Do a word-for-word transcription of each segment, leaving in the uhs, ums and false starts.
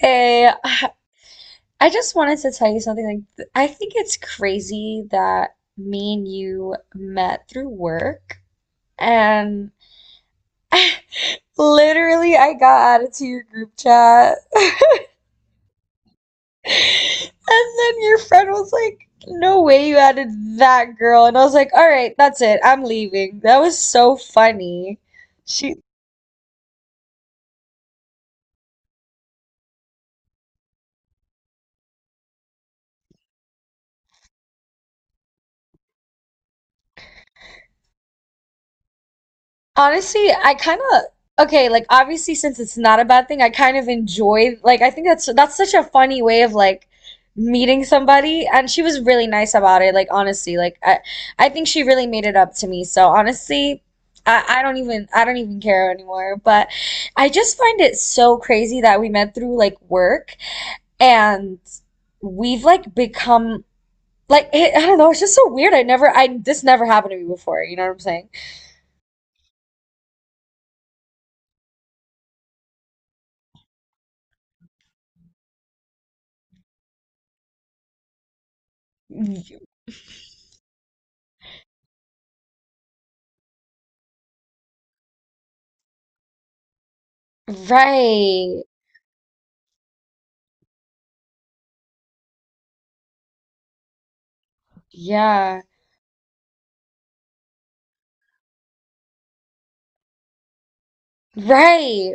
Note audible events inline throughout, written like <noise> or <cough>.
Hey, I I just wanted to tell you something. Like, th- I think it's crazy that me and you met through work, and <laughs> literally, I got added to your group chat, <laughs> and then your friend was like, "No way, you added that girl," and I was like, "All right, that's it. I'm leaving." That was so funny. She Honestly, I kind of okay, like obviously since it's not a bad thing, I kind of enjoy like I think that's that's such a funny way of like meeting somebody and she was really nice about it, like honestly, like I I think she really made it up to me. So honestly, I I don't even I don't even care anymore, but I just find it so crazy that we met through like work and we've like become like it, I don't know, it's just so weird. I never I this never happened to me before, you know what I'm saying? Right. Yeah, right.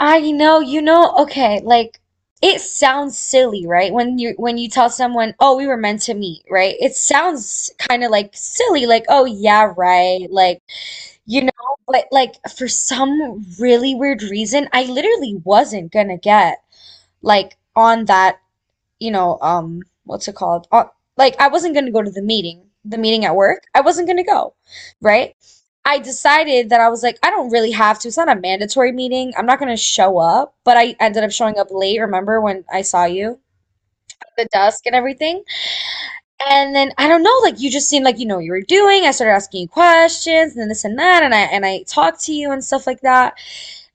I know, you know, okay, like it sounds silly, right? When you when you tell someone, "Oh, we were meant to meet," right? It sounds kind of like silly, like, "Oh, yeah, right." Like, you know, but like for some really weird reason, I literally wasn't gonna get like on that you know, um, what's it called? Uh, like I wasn't going to go to the meeting, the meeting at work. I wasn't going to go, right? I decided that I was like, I don't really have to. It's not a mandatory meeting. I'm not going to show up, but I ended up showing up late. Remember when I saw you? The dusk and everything. And then I don't know, like you just seemed like you know what you were doing. I started asking you questions and then this and that, and I and I talked to you and stuff like that.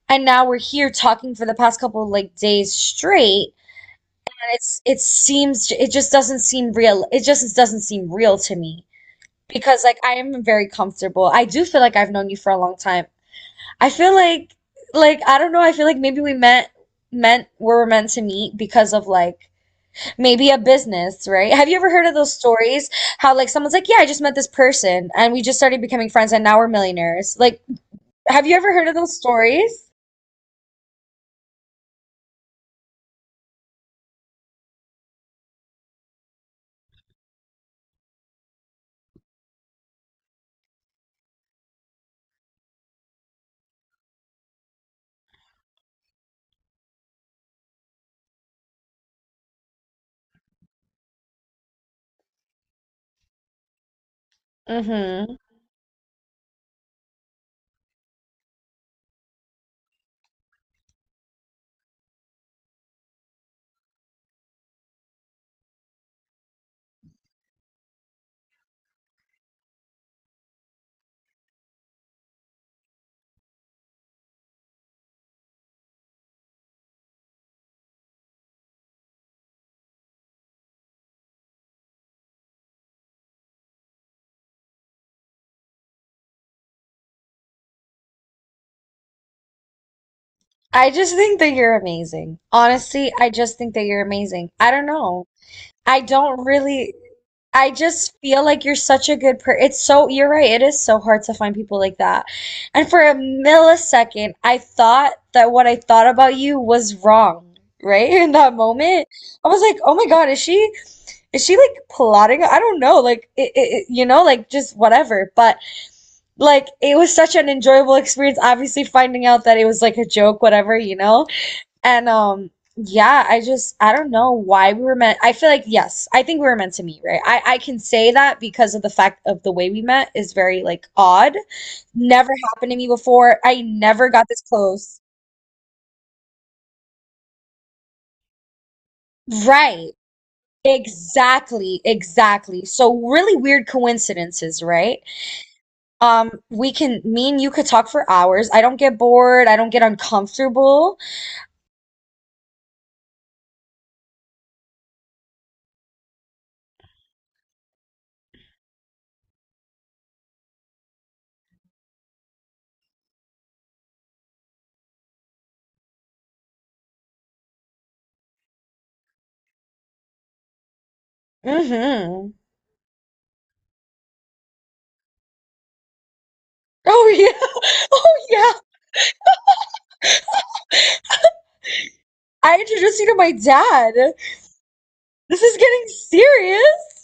And now we're here talking for the past couple of, like, days straight. It's it seems it just doesn't seem real. It just doesn't seem real to me because like I am very comfortable. I do feel like I've known you for a long time. I feel like, like I don't know, I feel like maybe we met meant we were meant to meet because of like maybe a business, right? Have you ever heard of those stories how like someone's like, "Yeah, I just met this person and we just started becoming friends and now we're millionaires." Like, have you ever heard of those stories? Mm-hmm. I just think that you're amazing. Honestly, I just think that you're amazing. I don't know. I don't really, I just feel like you're such a good person. It's so, you're right. It is so hard to find people like that. And for a millisecond, I thought that what I thought about you was wrong, right? <laughs> In that moment, I was like, oh my God, is she, is she like plotting? I don't know. Like, it, it- you know, like just whatever. But like, it was such an enjoyable experience, obviously finding out that it was like a joke, whatever, you know? And um yeah, I just I don't know why we were meant I feel like yes, I think we were meant to meet, right? I I can say that because of the fact of the way we met is very like odd. Never happened to me before. I never got this close. Right. Exactly, exactly. So really weird coincidences, right? Um we can, me and you could talk for hours. I don't get bored. I don't get uncomfortable. Mhm. Oh <laughs> yeah, yeah. I introduced you to my dad. This is getting serious.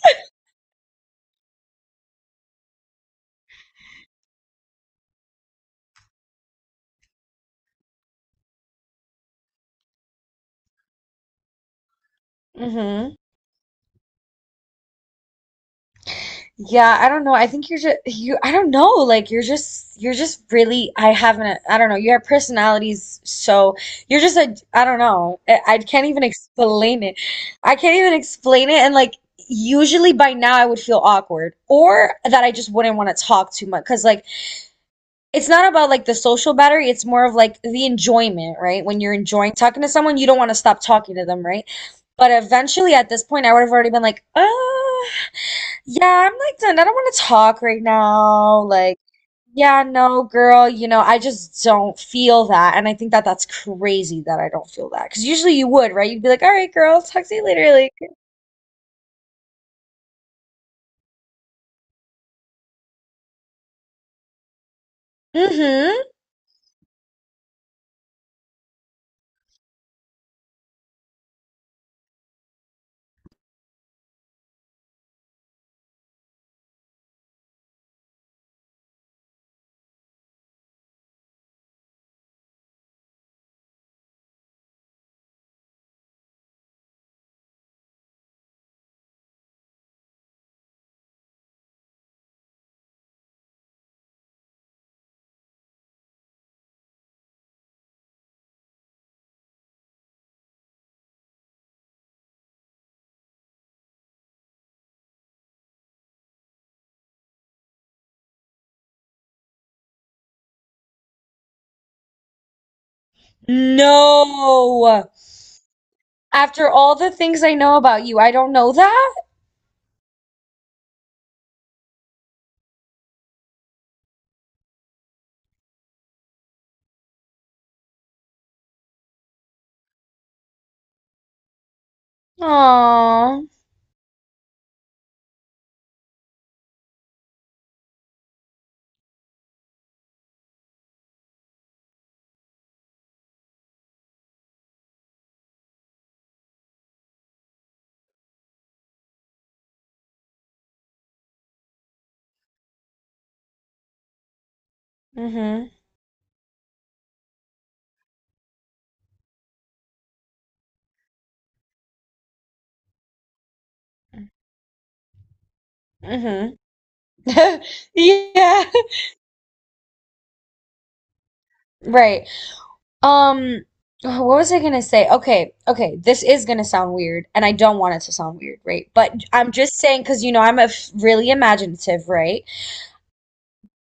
Hmm Yeah, I don't know. I think you're just you. I don't know. Like you're just you're just really. I haven't. I don't know. Your personality's so. You're just a. I don't know. I, I can't even explain it. I can't even explain it. And like usually by now I would feel awkward or that I just wouldn't want to talk too much because like it's not about like the social battery, it's more of like the enjoyment, right? When you're enjoying talking to someone, you don't want to stop talking to them, right? But eventually at this point I would have already been like, "Oh, yeah, I'm like done, I don't want to talk right now," like, yeah, no girl, you know I just don't feel that, and I think that that's crazy that I don't feel that because usually you would, right? You'd be like, "All right girl, talk to you later," like, mm-hmm, no, after all the things I know about you, I don't know that. Aww. Mm-hmm. Mm-hmm. <laughs> Yeah. <laughs> Right. Um, what was I gonna say? Okay, okay, this is gonna sound weird, and I don't want it to sound weird, right? But I'm just saying, because you know, I'm a f really imaginative, right?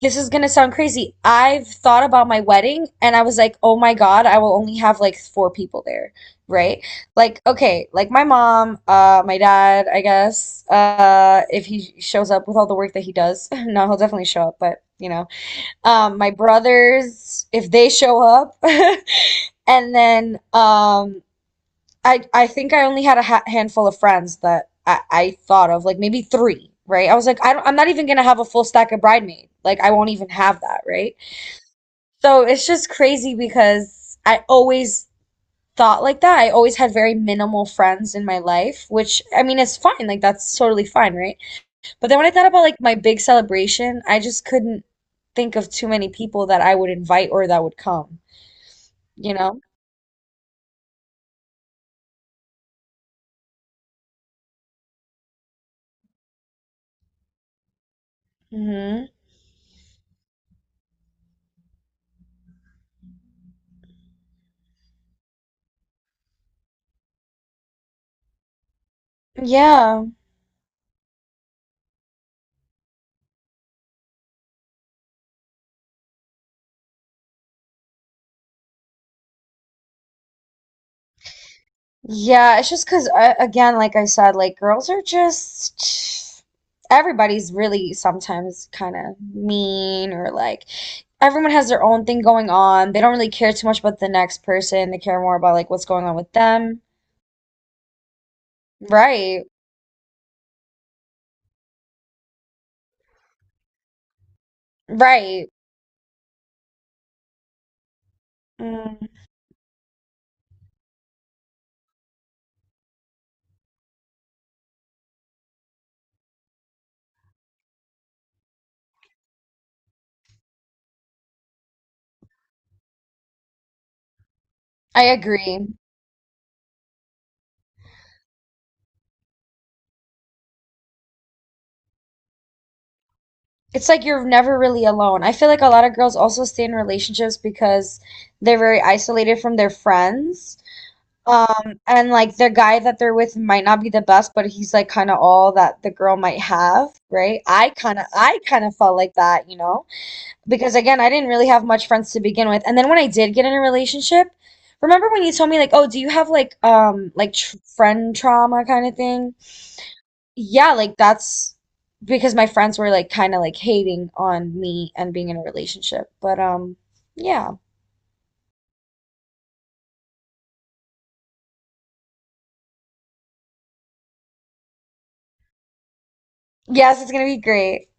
This is gonna sound crazy. I've thought about my wedding, and I was like, oh my God, I will only have like four people there, right? Like, okay, like my mom, uh, my dad, I guess, uh, if he shows up with all the work that he does. <laughs> No, he'll definitely show up, but you know. Um, my brothers if they show up, <laughs> and then um, I I think I only had a ha handful of friends that I, I thought of, like maybe three, right? I was like, I don't, I'm not even gonna have a full stack of bridemaid. Like I won't even have that, right? So it's just crazy because I always thought like that. I always had very minimal friends in my life, which I mean, it's fine. Like that's totally fine, right? But then when I thought about like my big celebration, I just couldn't think of too many people that I would invite or that would come, you know? Hmm Yeah. Yeah, it's just 'cause uh, again, like I said, like girls are just, everybody's really sometimes kind of mean, or like everyone has their own thing going on. They don't really care too much about the next person. They care more about like what's going on with them. Right. Right. Mm, I agree. It's like you're never really alone. I feel like a lot of girls also stay in relationships because they're very isolated from their friends. Um, and like the guy that they're with might not be the best, but he's like kind of all that the girl might have, right? I kind of I kind of felt like that, you know? Because again, I didn't really have much friends to begin with. And then when I did get in a relationship, remember when you told me like, "Oh, do you have like um like tr friend trauma kind of thing?" Yeah, like that's because my friends were like kind of like hating on me and being in a relationship. But um yeah. Yes, it's gonna be great.